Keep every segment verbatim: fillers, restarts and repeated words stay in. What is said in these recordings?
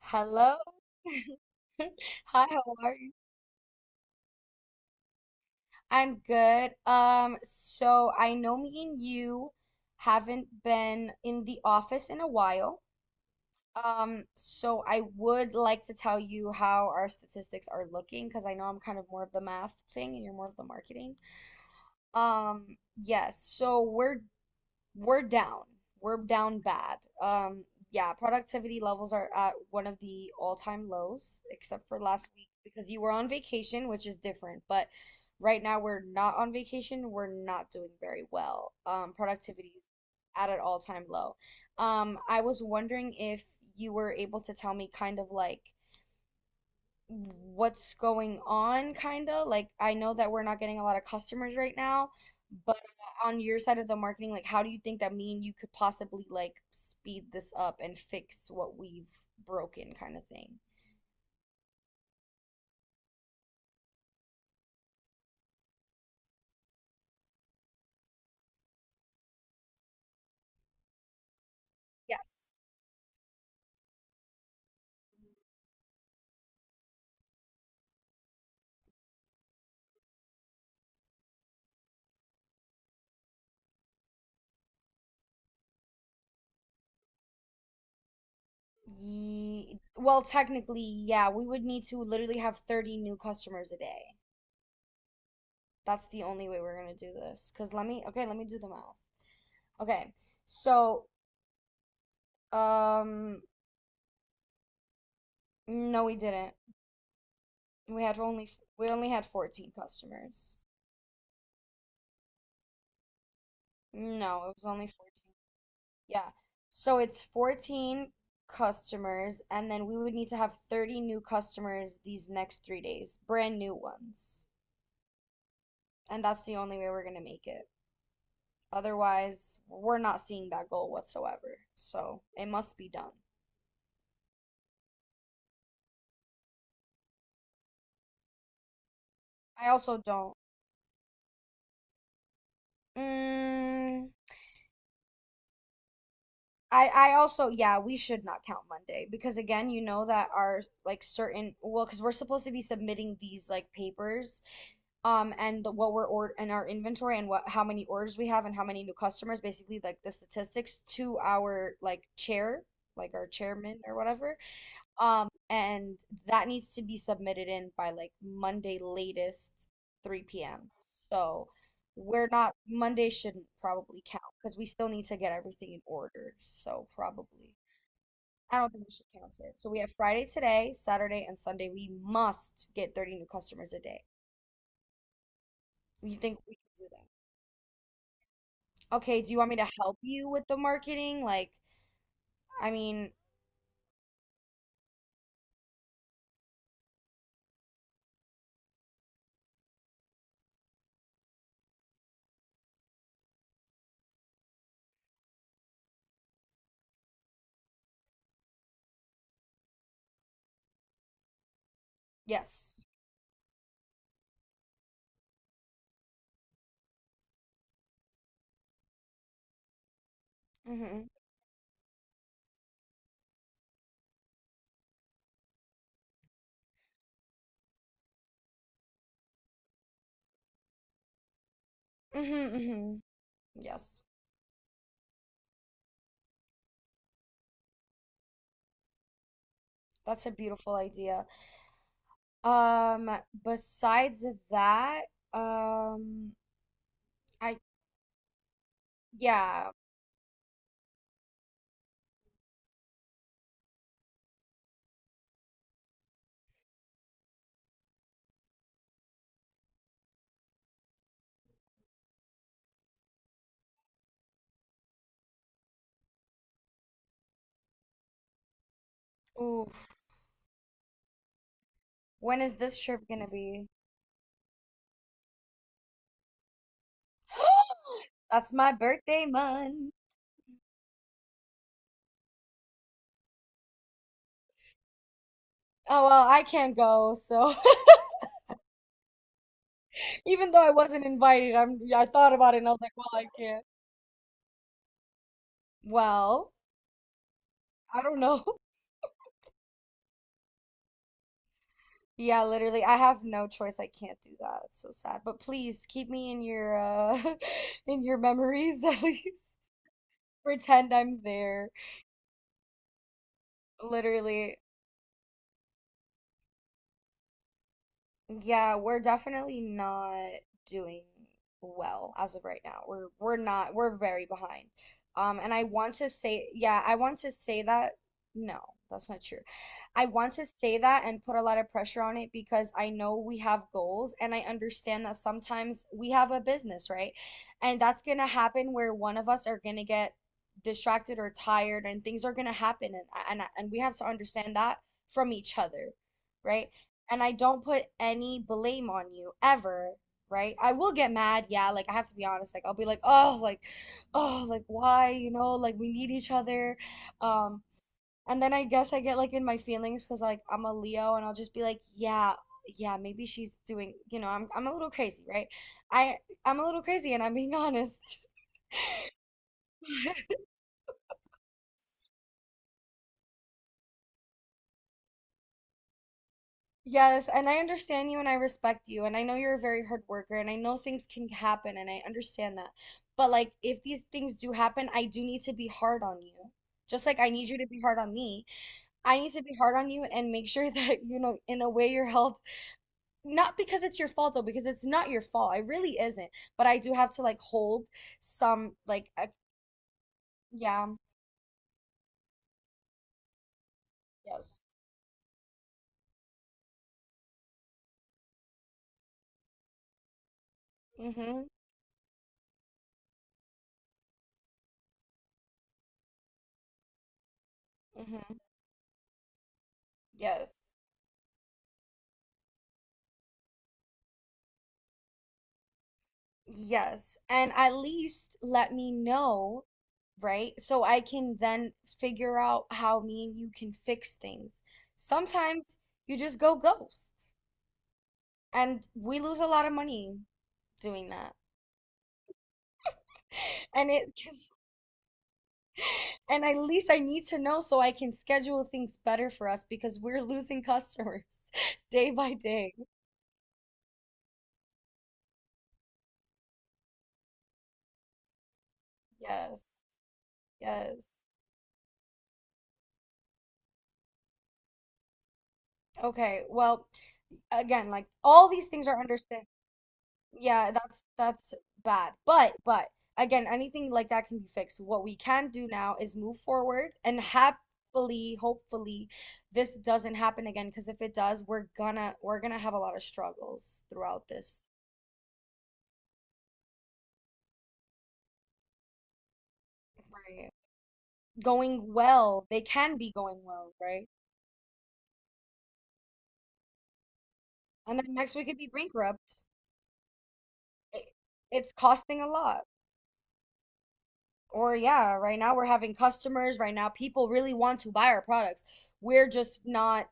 Hello. Hi, how are you? I'm good. Um, so I know me and you haven't been in the office in a while. Um, so I would like to tell you how our statistics are looking because I know I'm kind of more of the math thing and you're more of the marketing. Um, yes, so we're we're down. We're down bad. Um, yeah, productivity levels are at one of the all-time lows, except for last week because you were on vacation, which is different. But right now we're not on vacation. We're not doing very well. Um, productivity is at an all-time low. Um, I was wondering if you were able to tell me kind of like what's going on, kind of. Like, I know that we're not getting a lot of customers right now, but uh, on your side of the marketing, like, how do you think that me and you could possibly like speed this up and fix what we've broken, kind of thing? Yes. Ye well, technically, yeah, we would need to literally have thirty new customers a day. That's the only way we're gonna do this. Cause let me, okay, let me do the math. Okay, so, um, no, we didn't. We had only we only had fourteen customers. No, it was only fourteen. Yeah. So it's fourteen customers, and then we would need to have thirty new customers these next three days, brand new ones. And that's the only way we're going to make it. Otherwise, we're not seeing that goal whatsoever. So it must be done. I also don't. Mm, I I also, yeah, we should not count Monday because again, you know that our like certain well, because we're supposed to be submitting these like papers, um, and the, what we're order and our inventory and what how many orders we have and how many new customers, basically like the statistics to our like chair, like our chairman or whatever. Um, and that needs to be submitted in by like Monday, latest, three p m. So we're not, Monday shouldn't probably count because we still need to get everything in order. So probably, I don't think we should count it. So we have Friday today, Saturday, and Sunday. We must get thirty new customers a day. You think we can do that? Okay, do you want me to help you with the marketing? Like, I mean, yes. Mm-hmm. Mm-hmm. Mm-hmm. Yes. That's a beautiful idea. Um, besides that, um, I, yeah. Ooh, when is this trip gonna be? That's my birthday month. Oh, well, I can't go, so even though I wasn't invited, I'm I thought about it and I was like, well, I can't. Well, I don't know. Yeah, literally, I have no choice. I can't do that. It's so sad. But please keep me in your uh in your memories at least. Pretend I'm there. Literally, yeah, we're definitely not doing well as of right now. We're we're not we're very behind. Um, and I want to say, yeah, I want to say that no, that's not true. I want to say that and put a lot of pressure on it because I know we have goals and I understand that sometimes we have a business, right? And that's gonna happen where one of us are gonna get distracted or tired and things are gonna happen, and and and we have to understand that from each other, right? And I don't put any blame on you ever, right? I will get mad, yeah, like I have to be honest, like I'll be like, oh, like, oh, like why, you know, like we need each other. Um, and then I guess I get like in my feelings because like I'm a Leo and I'll just be like, yeah, yeah, maybe she's doing, you know, I'm I'm a little crazy, right? I I'm a little crazy and I'm being honest. Yes, and I understand you and I respect you, and I know you're a very hard worker, and I know things can happen, and I understand that. But like, if these things do happen, I do need to be hard on you. Just like I need you to be hard on me, I need to be hard on you and make sure that, you know, in a way your health, not because it's your fault though, because it's not your fault. It really isn't. But I do have to like hold some, like, a, yeah, yes. Mm-hmm. Mm-hmm. Yes. Yes, and at least let me know, right? So I can then figure out how me and you can fix things. Sometimes you just go ghost, and we lose a lot of money doing that. And it and at least I need to know so I can schedule things better for us because we're losing customers day by day. Yes. Yes. Okay. Well, again, like all these things are understand. Yeah, that's that's bad. But but again, anything like that can be fixed. What we can do now is move forward and happily, hopefully, this doesn't happen again. Because if it does, we're gonna we're gonna have a lot of struggles throughout this. Right. Going well, they can be going well, right? And then next we could be bankrupt. It, it's costing a lot. Or yeah, right now we're having customers. Right now, people really want to buy our products. We're just not,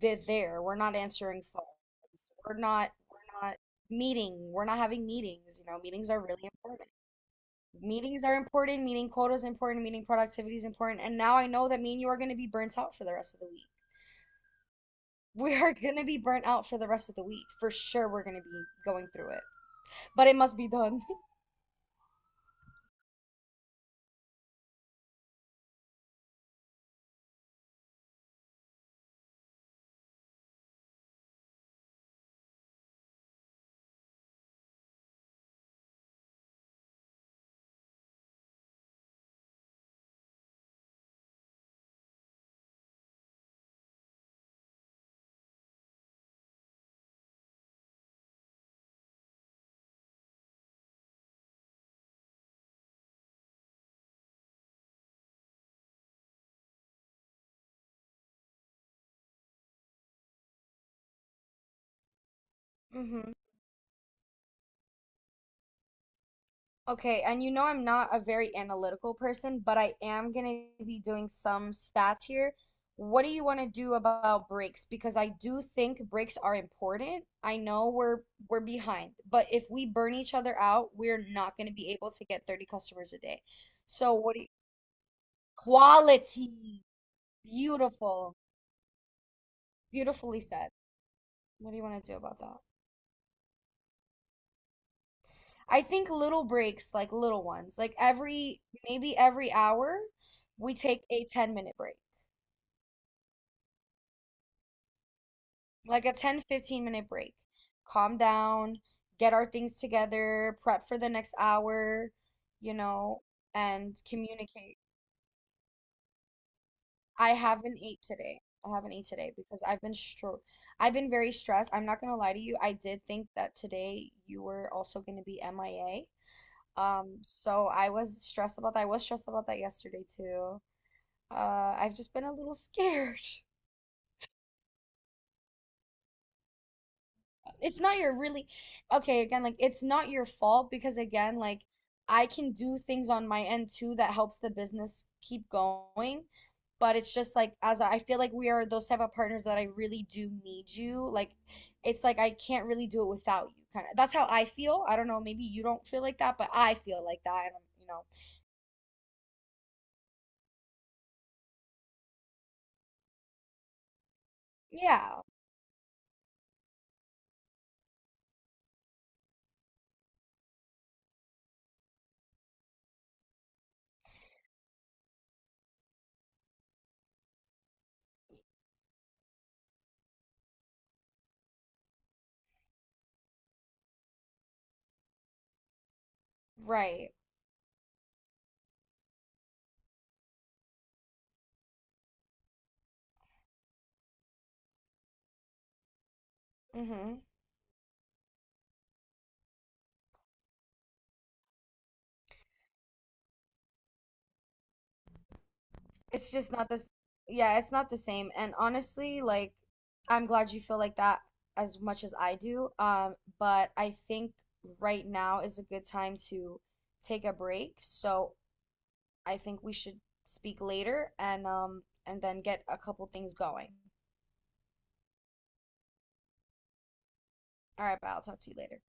they're there. We're not answering phones. We're not we're not meeting. We're not having meetings. You know, meetings are really important. Meetings are important, meeting quota is important, meeting productivity is important. And now I know that me and you are going to be burnt out for the rest of the week. We are going to be burnt out for the rest of the week. For sure, we're going to be going through it. But it must be done. Hmm. Okay, and you know I'm not a very analytical person, but I am going to be doing some stats here. What do you want to do about breaks? Because I do think breaks are important. I know we're we're behind, but if we burn each other out, we're not going to be able to get thirty customers a day. So what do you, quality, beautiful, beautifully said. What do you want to do about that? I think little breaks, like little ones, like every maybe every hour, we take a ten minute break. Like a ten fifteen minute break. Calm down, get our things together, prep for the next hour, you know, and communicate. I haven't ate today. I haven't ate today because I've been stro I've been very stressed. I'm not gonna lie to you. I did think that today you were also gonna be M I A. Um, so I was stressed about that. I was stressed about that yesterday too. Uh, I've just been a little scared. It's not your really, okay, again, like it's not your fault. Because again, like, I can do things on my end too that helps the business keep going. But it's just, like, as I feel like we are those type of partners that I really do need you. Like, it's like I can't really do it without you, kind of. That's how I feel. I don't know, maybe you don't feel like that, but I feel like that. And, you know yeah, right, mhm. It's just not this. Yeah, it's not the same. And honestly, like, I'm glad you feel like that as much as I do. Um, but I think right now is a good time to take a break. So I think we should speak later, and um and then get a couple things going. All right, bye. I'll talk to you later.